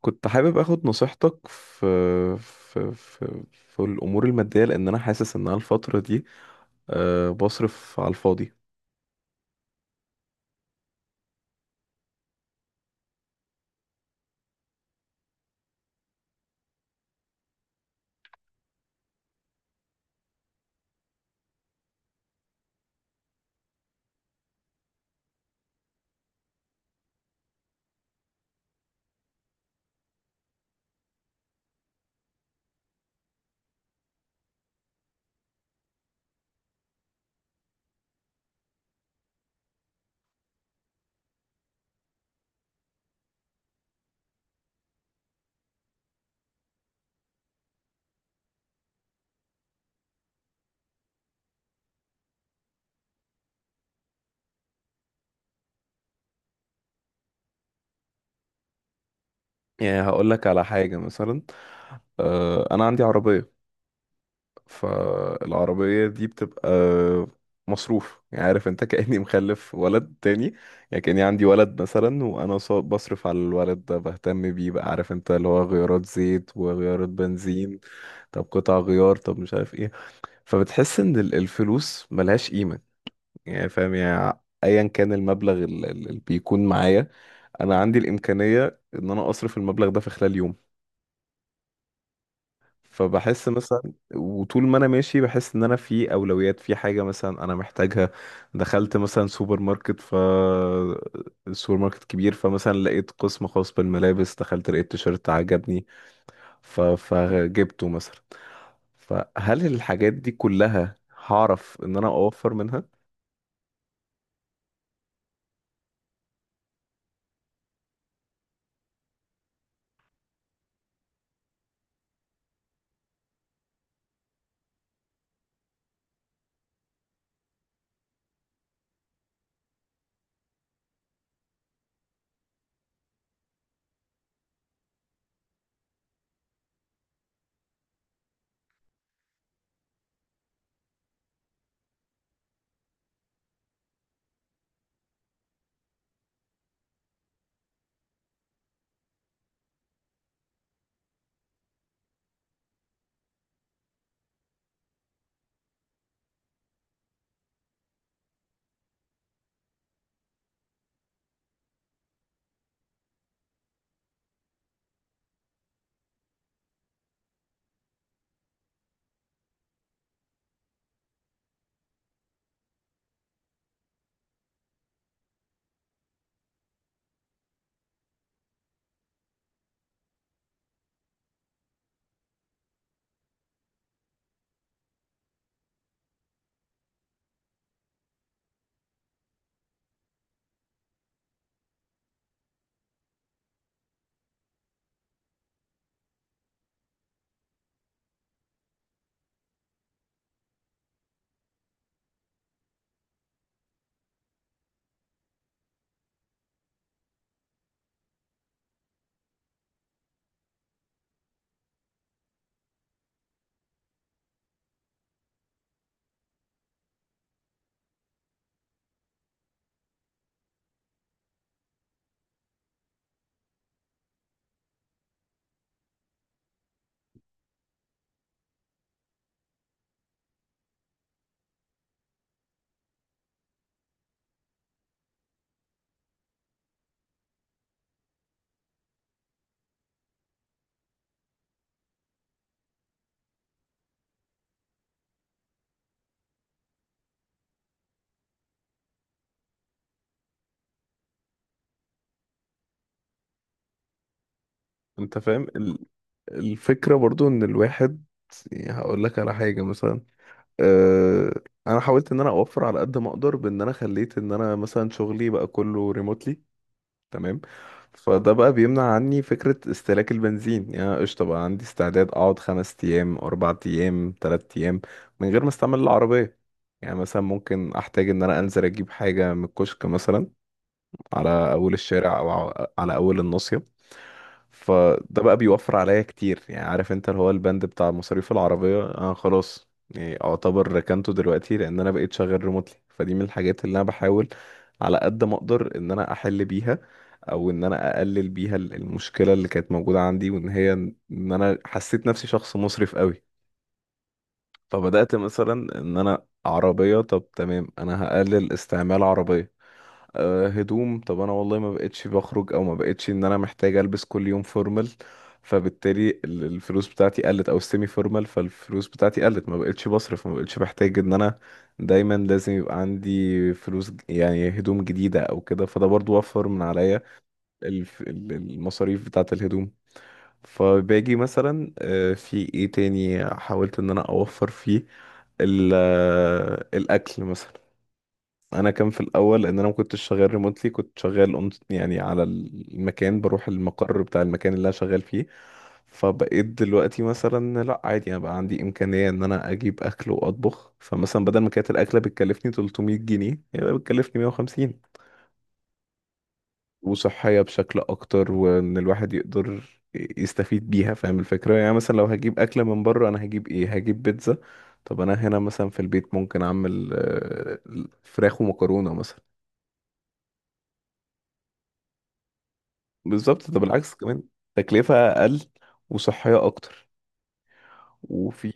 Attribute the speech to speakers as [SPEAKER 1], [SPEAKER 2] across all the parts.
[SPEAKER 1] كنت حابب اخد نصيحتك في الامور الماديه، لان انا حاسس ان انا الفتره دي بصرف على الفاضي. يعني هقول لك على حاجه مثلا. انا عندي عربيه، فالعربيه دي بتبقى مصروف. يعني عارف انت كاني مخلف ولد تاني. يعني كاني عندي ولد مثلا، وانا بصرف على الولد ده، بهتم بيه، بقى عارف انت اللي هو غيارات زيت وغيارات بنزين، طب قطع غيار، طب مش عارف ايه. فبتحس ان الفلوس ملهاش قيمة. يعني فاهم، يعني ايا كان المبلغ اللي بيكون معايا، انا عندي الامكانية ان انا اصرف المبلغ ده في خلال يوم. فبحس مثلا، وطول ما انا ماشي بحس ان انا في اولويات، في حاجة مثلا انا محتاجها. دخلت مثلا سوبر ماركت، ف السوبر ماركت كبير، فمثلا لقيت قسم خاص بالملابس، دخلت لقيت تيشيرت عجبني، فجبته مثلا. فهل الحاجات دي كلها هعرف ان انا اوفر منها؟ انت فاهم الفكرة، برضو ان الواحد. يعني هقول لك على حاجة مثلا. أه، انا حاولت ان انا اوفر على قد ما اقدر بان انا خليت ان انا مثلا شغلي بقى كله ريموتلي. تمام. فده بقى بيمنع عني فكرة استهلاك البنزين. يعني أنا قشطة بقى عندي استعداد اقعد 5 ايام، 4 ايام، 3 ايام من غير ما استعمل العربية. يعني مثلا ممكن احتاج ان انا انزل اجيب حاجة من الكشك مثلا، على اول الشارع او على اول الناصية. فده بقى بيوفر عليا كتير. يعني عارف انت اللي هو البند بتاع مصاريف العربية انا خلاص، يعني اعتبر ركنته دلوقتي لان انا بقيت شغال ريموتلي، فدي من الحاجات اللي انا بحاول على قد ما اقدر ان انا احل بيها، او ان انا اقلل بيها المشكلة اللي كانت موجودة عندي، وان هي ان انا حسيت نفسي شخص مسرف قوي. فبدأت مثلا ان انا عربية، طب تمام انا هقلل استعمال عربية. آه، هدوم، طب انا والله ما بقتش بخرج، او ما بقتش ان انا محتاج البس كل يوم فورمال، فبالتالي الفلوس بتاعتي قلت، او السيمي فورمال، فالفلوس بتاعتي قلت، ما بقتش بصرف، ما بقتش بحتاج ان انا دايما لازم يبقى عندي فلوس يعني هدوم جديدة او كده، فده برضو وفر من عليا المصاريف بتاعة الهدوم. فباجي مثلا، آه، في ايه تاني حاولت ان انا اوفر فيه؟ آه، الاكل مثلا. انا كان في الاول لان انا ما كنتش شغال ريموتلي، كنت شغال يعني على المكان، بروح المقر بتاع المكان اللي انا شغال فيه. فبقيت دلوقتي مثلا لا عادي، انا بقى عندي امكانيه ان انا اجيب اكل واطبخ، فمثلا بدل ما كانت الاكله بتكلفني 300 جنيه، هي بقى بتكلفني 150، وصحيه بشكل اكتر، وان الواحد يقدر يستفيد بيها، فاهم الفكره. يعني مثلا لو هجيب اكله من بره انا هجيب ايه؟ هجيب بيتزا. طب انا هنا مثلا في البيت ممكن اعمل آه، فراخ ومكرونه مثلا. بالظبط. ده بالعكس كمان تكلفة أقل وصحية أكتر، وفي.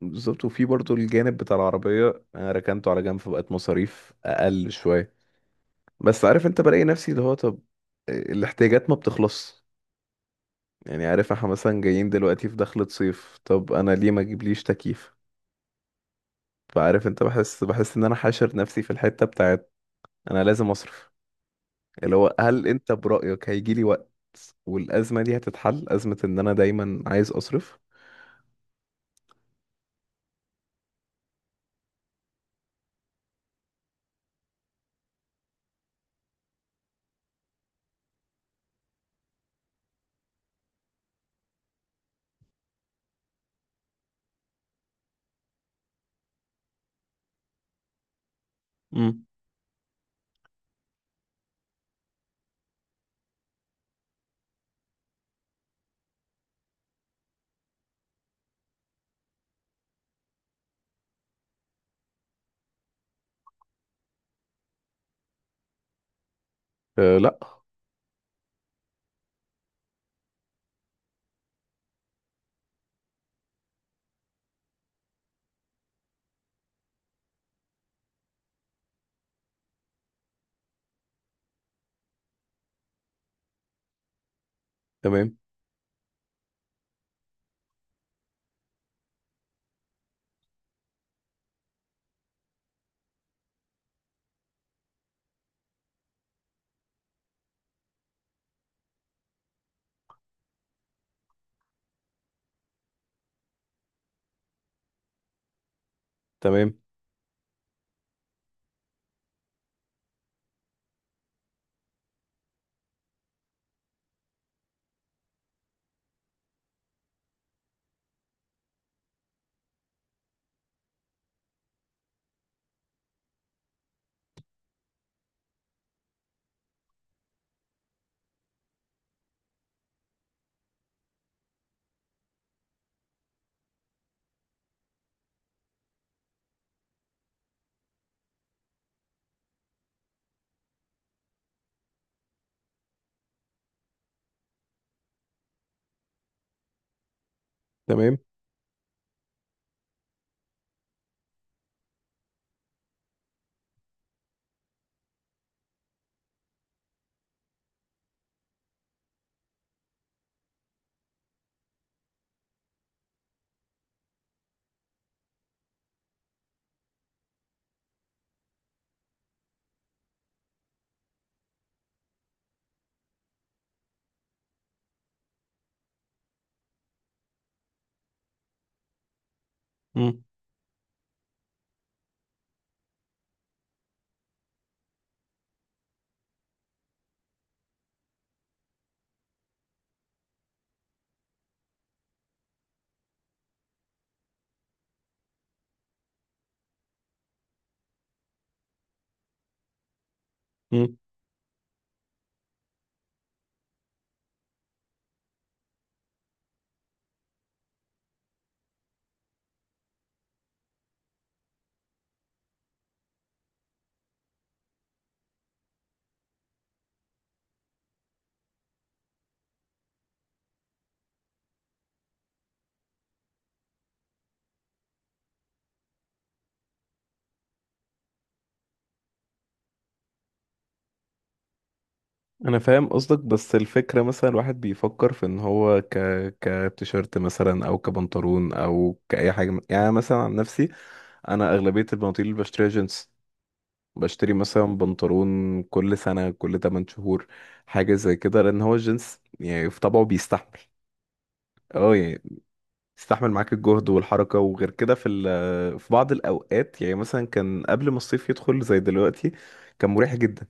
[SPEAKER 1] بالظبط. وفي برضو الجانب بتاع العربية، أنا ركنته على جنب، فبقت مصاريف أقل شوية. بس عارف أنت بلاقي نفسي اللي هو طب آه، الاحتياجات ما بتخلص. يعني عارف احنا مثلا جايين دلوقتي في دخلة صيف، طب أنا ليه ما أجيبليش تكييف؟ فعارف أنت، بحس بحس إن أنا حاشر نفسي في الحتة بتاعت أنا لازم أصرف، اللي هو هل أنت برأيك هيجيلي وقت والأزمة دي هتتحل، أزمة إن أنا دايما عايز أصرف؟ مم. أه لا. تمام. تمام. تمام. مم. مم. انا فاهم قصدك، بس الفكره مثلا الواحد بيفكر في ان هو كتيشيرت مثلا، او كبنطلون، او كاي حاجه يعني. أنا مثلا عن نفسي، انا اغلبيه البناطيل اللي بشتريها جينز. بشتري مثلا بنطلون كل سنه، كل 8 شهور، حاجه زي كده، لان هو الجينز يعني في طبعه بيستحمل. اه يعني بيستحمل معاك الجهد والحركه، وغير كده في في بعض الاوقات، يعني مثلا كان قبل ما الصيف يدخل زي دلوقتي كان مريح جدا.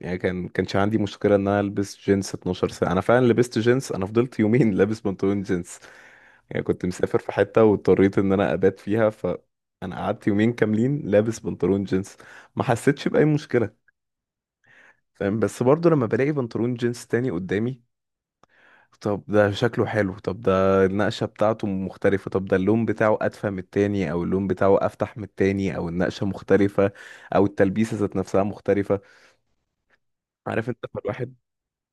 [SPEAKER 1] يعني كان كانش عندي مشكلة ان انا البس جينز 12 ساعة. انا فعلا لبست جينز، انا فضلت يومين لابس بنطلون جينز. يعني كنت مسافر في حتة واضطريت ان انا ابات فيها، فانا قعدت يومين كاملين لابس بنطلون جينز، ما حسيتش بأي مشكلة. فاهم؟ بس برضو لما بلاقي بنطلون جينز تاني قدامي، طب ده شكله حلو، طب ده النقشة بتاعته مختلفة، طب ده اللون بتاعه أدفى من التاني أو اللون بتاعه أفتح من التاني، أو النقشة مختلفة، أو التلبيسة ذات نفسها مختلفة. عارف انت فالواحد.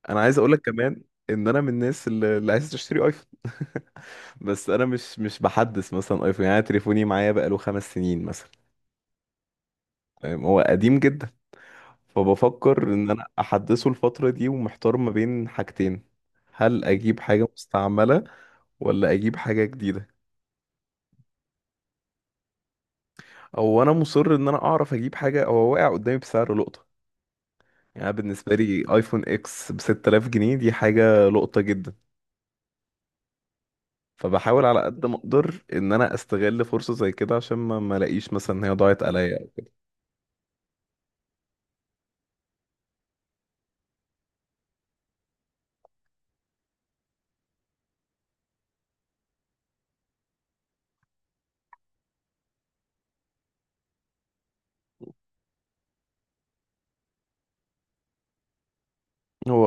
[SPEAKER 1] انا عايز اقولك كمان ان انا من الناس اللي عايز تشتري ايفون بس انا مش بحدث مثلا ايفون. يعني أنا تليفوني معايا بقاله 5 سنين مثلا. فاهم؟ هو قديم جدا. فبفكر ان انا احدثه الفترة دي، ومحتار ما بين حاجتين. هل اجيب حاجة مستعملة ولا اجيب حاجة جديدة؟ او انا مصر ان انا اعرف اجيب حاجة هو واقع قدامي بسعر لقطة. يعني أنا بالنسبة لي ايفون اكس ب 6000 جنيه دي حاجة لقطة جدا. فبحاول على قد ما اقدر ان انا استغل فرصة زي كده عشان ما الاقيش مثلا ان هي ضاعت عليا. هو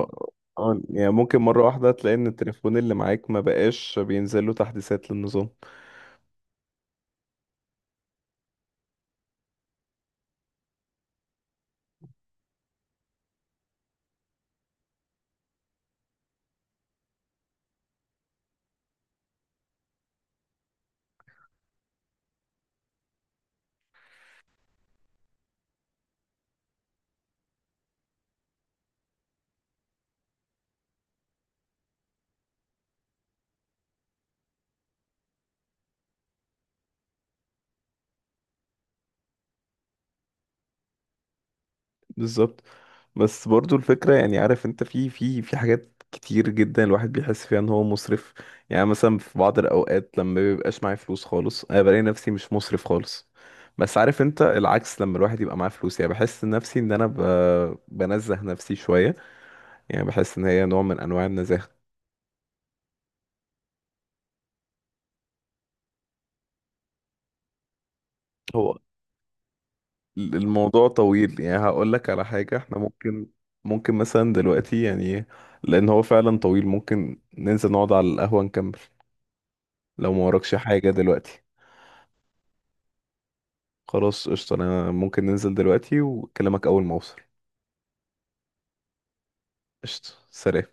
[SPEAKER 1] آه، يعني ممكن مرة واحدة تلاقي ان التليفون اللي معاك ما بقاش بينزل له تحديثات للنظام. بالظبط. بس برضو الفكرة، يعني عارف انت في حاجات كتير جدا الواحد بيحس فيها ان هو مسرف. يعني مثلا في بعض الاوقات لما بيبقاش معايا فلوس خالص انا بلاقي نفسي مش مسرف خالص، بس عارف انت العكس لما الواحد يبقى معاه فلوس يعني بحس نفسي ان انا بنزه نفسي شوية. يعني بحس ان هي نوع من انواع النزاهة. هو الموضوع طويل، يعني هقول لك على حاجة احنا ممكن. ممكن مثلا دلوقتي يعني، لان هو فعلا طويل، ممكن ننزل نقعد على القهوة نكمل لو ما وراكش حاجة دلوقتي. خلاص قشطة، انا ممكن ننزل دلوقتي واكلمك اول ما اوصل. قشطة، سلام.